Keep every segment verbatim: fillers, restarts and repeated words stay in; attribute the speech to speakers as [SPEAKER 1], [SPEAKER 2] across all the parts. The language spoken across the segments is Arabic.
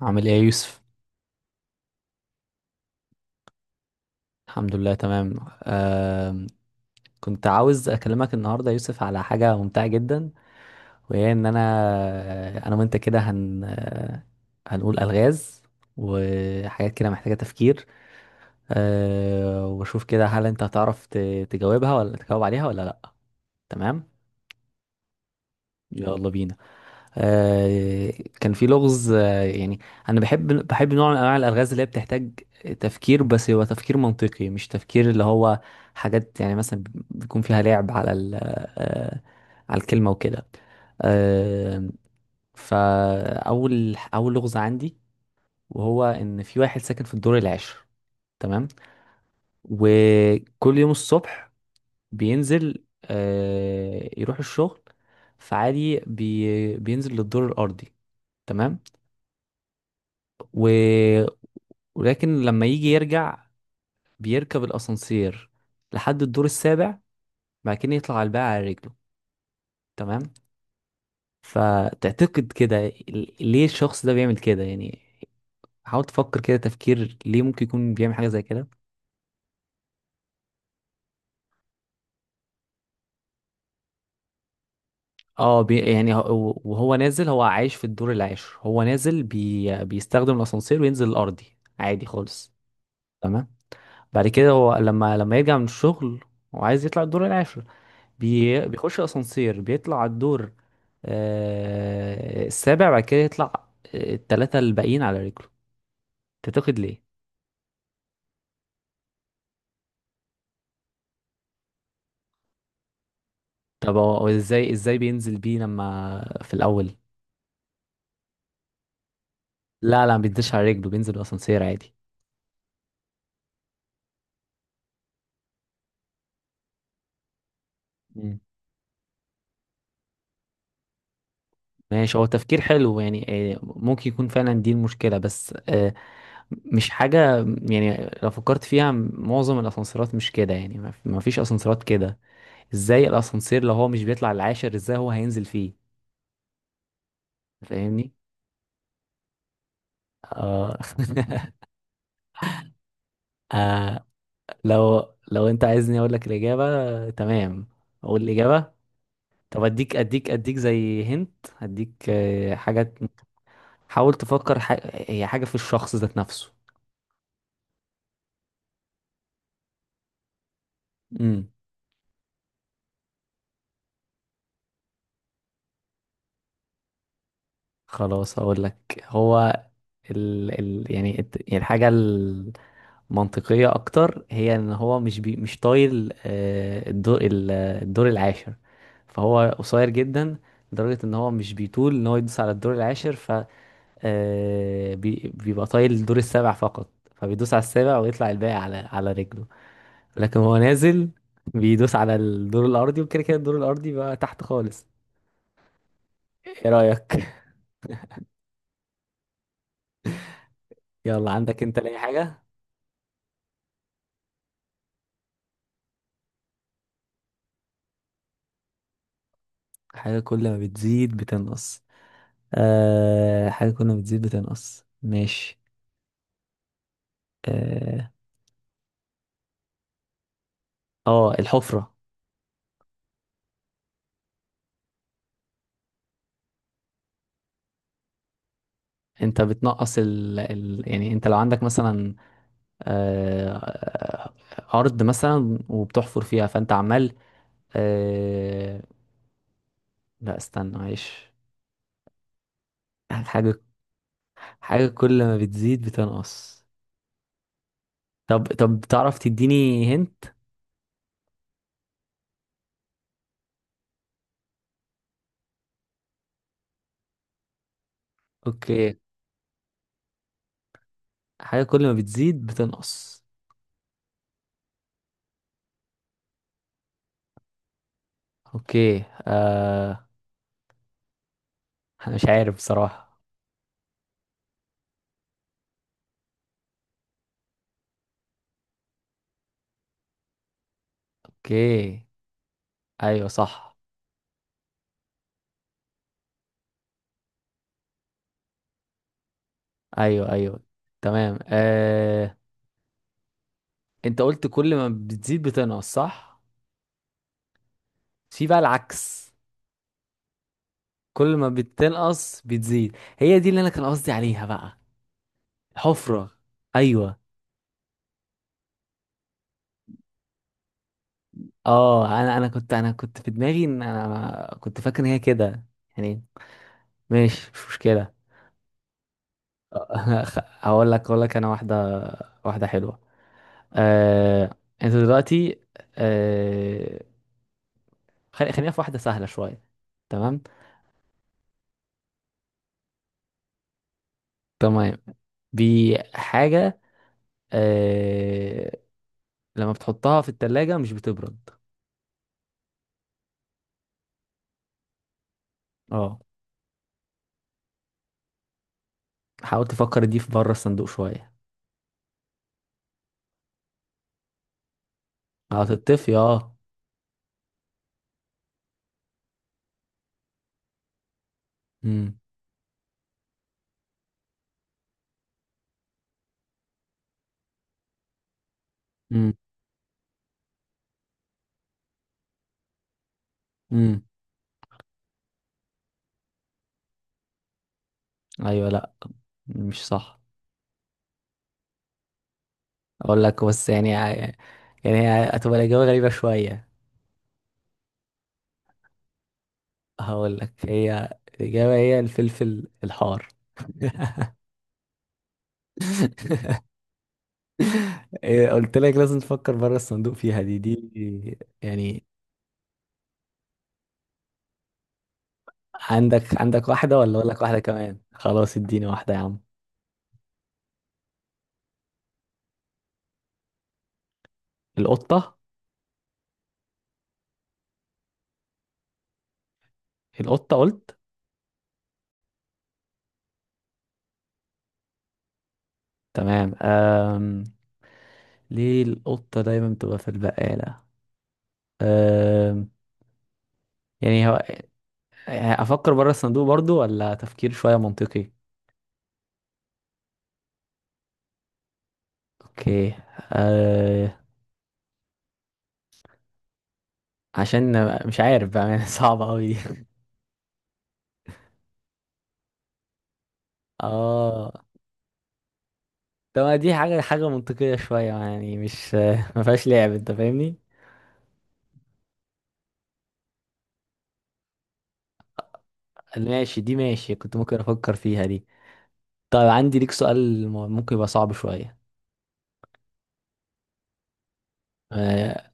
[SPEAKER 1] عامل ايه يا يوسف؟ الحمد لله، تمام. آم، كنت عاوز اكلمك النهارده يا يوسف على حاجه ممتعه جدا، وهي ان انا انا وانت كده هن آه، هنقول الغاز وحاجات كده محتاجه تفكير. آه، واشوف كده هل انت هتعرف ت- تجاوبها ولا تجاوب عليها ولا لا؟ تمام. يلا بينا. آه، كان في لغز، آه، يعني انا بحب بحب نوع من انواع الالغاز اللي هي بتحتاج تفكير، بس هو تفكير منطقي، مش تفكير اللي هو حاجات، يعني مثلا بيكون فيها لعب على ال- آه، على الكلمة وكده. آه، فاول اول لغز عندي، وهو ان في واحد ساكن في الدور العاشر. تمام. وكل يوم الصبح بينزل، آه، يروح الشغل، فعادي بي بينزل للدور الارضي. تمام. و... ولكن لما يجي يرجع بيركب الاسانسير لحد الدور السابع، بعد كده يطلع على الباقي على رجله. تمام. فتعتقد كده، ال- ليه الشخص ده بيعمل كده يعني؟ حاول تفكر كده تفكير، ليه ممكن يكون بيعمل حاجة زي كده؟ اه، بي... يعني هو- وهو نازل، هو عايش في الدور العاشر، هو نازل، بي... بيستخدم الاسانسير وينزل الارضي، عادي خالص. تمام. بعد كده هو لما لما يرجع من الشغل، هو عايز يطلع الدور العاشر، بي... بيخش اسانسير، بيطلع على الدور آه... السابع، بعد كده يطلع آه، التلاتة الباقيين على رجله. تعتقد ليه؟ طب هو هو ازاي ازاي بينزل بيه لما في الاول؟ لا، لا، ما بينزلش على رجله، بينزل بالاسانسير عادي. مم. ماشي، هو تفكير حلو يعني. آه، ممكن يكون فعلا دي المشكلة، بس آه، مش حاجة يعني، لو فكرت فيها معظم الأسانسيرات مش كده، يعني ما ما فيش أسانسيرات كده. ازاي الأسانسير، لو هو مش بيطلع العاشر، ازاي هو هينزل فيه؟ فاهمني؟ اه. آه، لو لو انت عايزني اقول لك الاجابه، تمام، اقول الاجابه. طب اديك اديك اديك زي هنت، اديك آه، حاجه. حاول تفكر ح... هي حاجه في الشخص ذات نفسه. امم خلاص اقول لك، هو ال... ال... يعني الت- يعني الحاجه المنطقيه اكتر، هي ان هو مش بي... مش طايل آه، الدور ال- الدور العاشر، فهو قصير جدا، لدرجه ان هو مش بيطول ان هو يدوس على الدور العاشر. آه، بي- بيبقى طايل الدور السابع فقط، فبيدوس على السابع، ويطلع الباقي على على رجله. لكن هو نازل بيدوس على الدور الأرضي، وكده كده الدور الأرضي بقى تحت خالص. ايه رأيك؟ يلا، عندك انت لأي حاجة؟ حاجة كل ما بتزيد بتنقص؟ آه، حاجة كل ما بتزيد بتنقص، ماشي. اه. آه، الحفرة. انت بتنقص ال... ال... يعني انت لو عندك مثلا، آه... آه، أرض مثلا، وبتحفر فيها، فانت عمال، آه، لا استنى، معلش. حاجة. حاجة كل ما بتزيد بتنقص. طب طب تعرف تديني هنت؟ اوكي. حاجة كل ما بتزيد بتنقص. اوكي. آه انا مش عارف بصراحة. اوكي. ايوه، صح. ايوه، ايوه. تمام. آه انت قلت كل ما بتزيد بتنقص، صح؟ في بقى العكس، كل ما بتنقص بتزيد، هي دي اللي انا كان قصدي عليها بقى. الحفرة. ايوه. اه، انا انا كنت انا كنت في دماغي ان انا كنت فاكر ان هي كده، يعني، ماشي مش مشكله. هقول لك هقول لك انا واحده، واحده حلوه. آه انت دلوقتي، آه خل- خلينا في واحده سهله شويه. تمام. تمام، دي حاجه، آه لما بتحطها في التلاجة مش بتبرد. اه. حاول تفكر دي في بره الصندوق شويه. هتطفي، اه. امم. امم. امم. ايوه، لا، مش صح. اقول لك بس يعني يعني هي هتبقى الاجابه غريبه شويه. هقول لك، هي الاجابه هي الفلفل الحار. إيه، قلت لك لازم تفكر بره الصندوق فيها، دي دي يعني. عندك عندك واحده ولا اقول لك واحده كمان؟ خلاص، اديني واحده يا عم. القطه. القطه، قلت؟ تمام. أم... ليه القطه دايما بتبقى في البقاله؟ أم... يعني هو، يعني افكر بره الصندوق برضو، ولا تفكير شويه منطقي؟ اوكي. آه... عشان، مش عارف بقى يعني. صعبة قوي دي. اه. طب، ما دي حاجة حاجة منطقية شوية، يعني مش آه، ما فيهاش لعب، انت فاهمني؟ ماشي، دي ماشي كنت ممكن افكر فيها دي. طيب، عندي ليك سؤال م- ممكن يبقى صعب شوية. آه،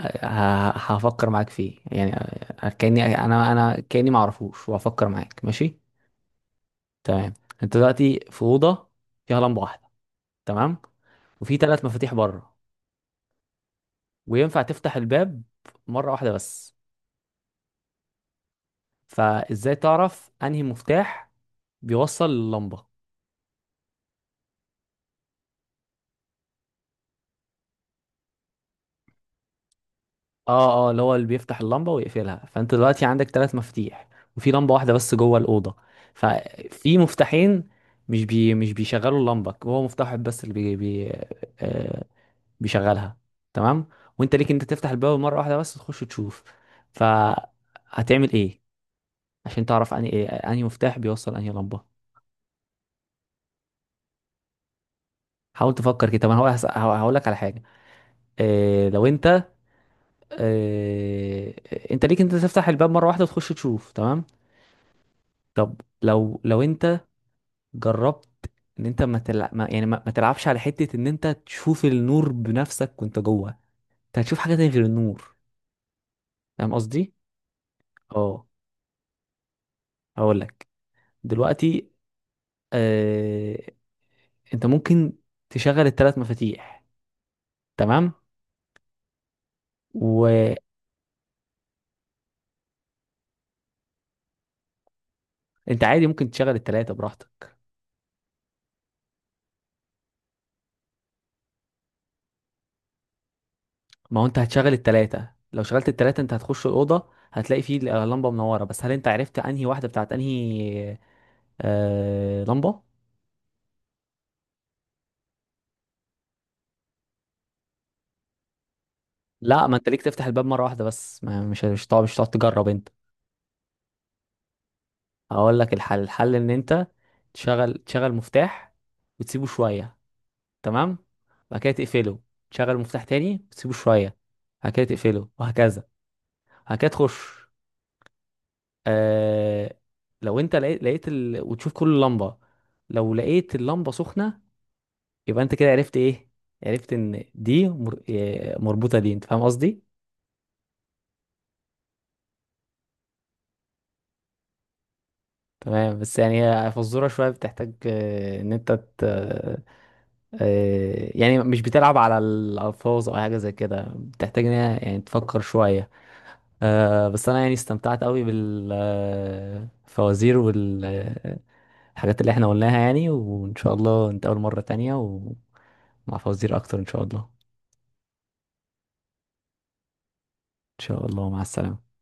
[SPEAKER 1] ه- هفكر معاك فيه يعني، آه، كأني انا انا كأني ما اعرفوش، وهفكر معاك، ماشي. تمام. انت دلوقتي في أوضة فيها لمبة واحدة، تمام، وفي ثلاث مفاتيح بره، وينفع تفتح الباب مرة واحدة بس، فازاي تعرف انهي مفتاح بيوصل للمبه؟ اه، اه، اللي هو اللي بيفتح اللمبه ويقفلها، فانت دلوقتي عندك ثلاث مفاتيح، وفي لمبه واحده بس جوه الاوضه، ففي مفتاحين مش بي مش بيشغلوا اللمبه، هو مفتاح واحد بس اللي بي بي آه بيشغلها. تمام. وانت ليك انت تفتح الباب مره واحده بس، تخش تشوف، فهتعمل ايه عشان تعرف انهي ايه انهي مفتاح بيوصل انهي لمبه؟ حاول تفكر كده، طب انا هقول هقول لك على حاجه. إيه، لو انت، آه، انت ليك انت تفتح الباب مره واحده وتخش تشوف، تمام. طب لو لو انت جربت ان انت ما, تلع... ما يعني ما... ما تلعبش على حته ان انت تشوف النور بنفسك وانت جوه، انت هتشوف حاجه تانية غير النور. فاهم قصدي؟ اه. هقول لك دلوقتي، آه... انت ممكن تشغل الثلاث مفاتيح، تمام، وانت عادي، ممكن تشغل الثلاثه براحتك. ما هو انت هتشغل التلاتة، لو شغلت التلاتة انت هتخش الأوضة، هتلاقي فيه لمبة منورة بس، هل انت عرفت انهي واحدة بتاعت انهي آه... لمبة؟ لا، ما انت ليك تفتح الباب مرة واحدة بس، ما مش مش هتقعد مش هتقعد تجرب انت. هقول لك الحل الحل ان انت تشغل تشغل مفتاح وتسيبه شوية، تمام؟ بعد كده تقفله. تشغل مفتاح تاني وتسيبه شوية، بعد كده تقفله، وهكذا. بعد كده تخش، آه... لو انت لقيت, لقيت ال... وتشوف كل لمبة، لو لقيت اللمبة سخنة، يبقى انت كده عرفت ايه؟ عرفت ان دي مر... إيه، مربوطة، دي انت فاهم قصدي. تمام، بس يعني هي فزورة شوية بتحتاج، آه، ان انت ت... آه، يعني مش بتلعب على الالفاظ او حاجة زي كده، بتحتاج ان هي يعني تفكر شوية، آه، بس انا يعني استمتعت قوي بالفوازير والحاجات اللي احنا قلناها، يعني وان شاء الله نتقابل مرة تانية، ومع فوازير اكتر ان شاء الله. ان شاء الله، مع السلامة.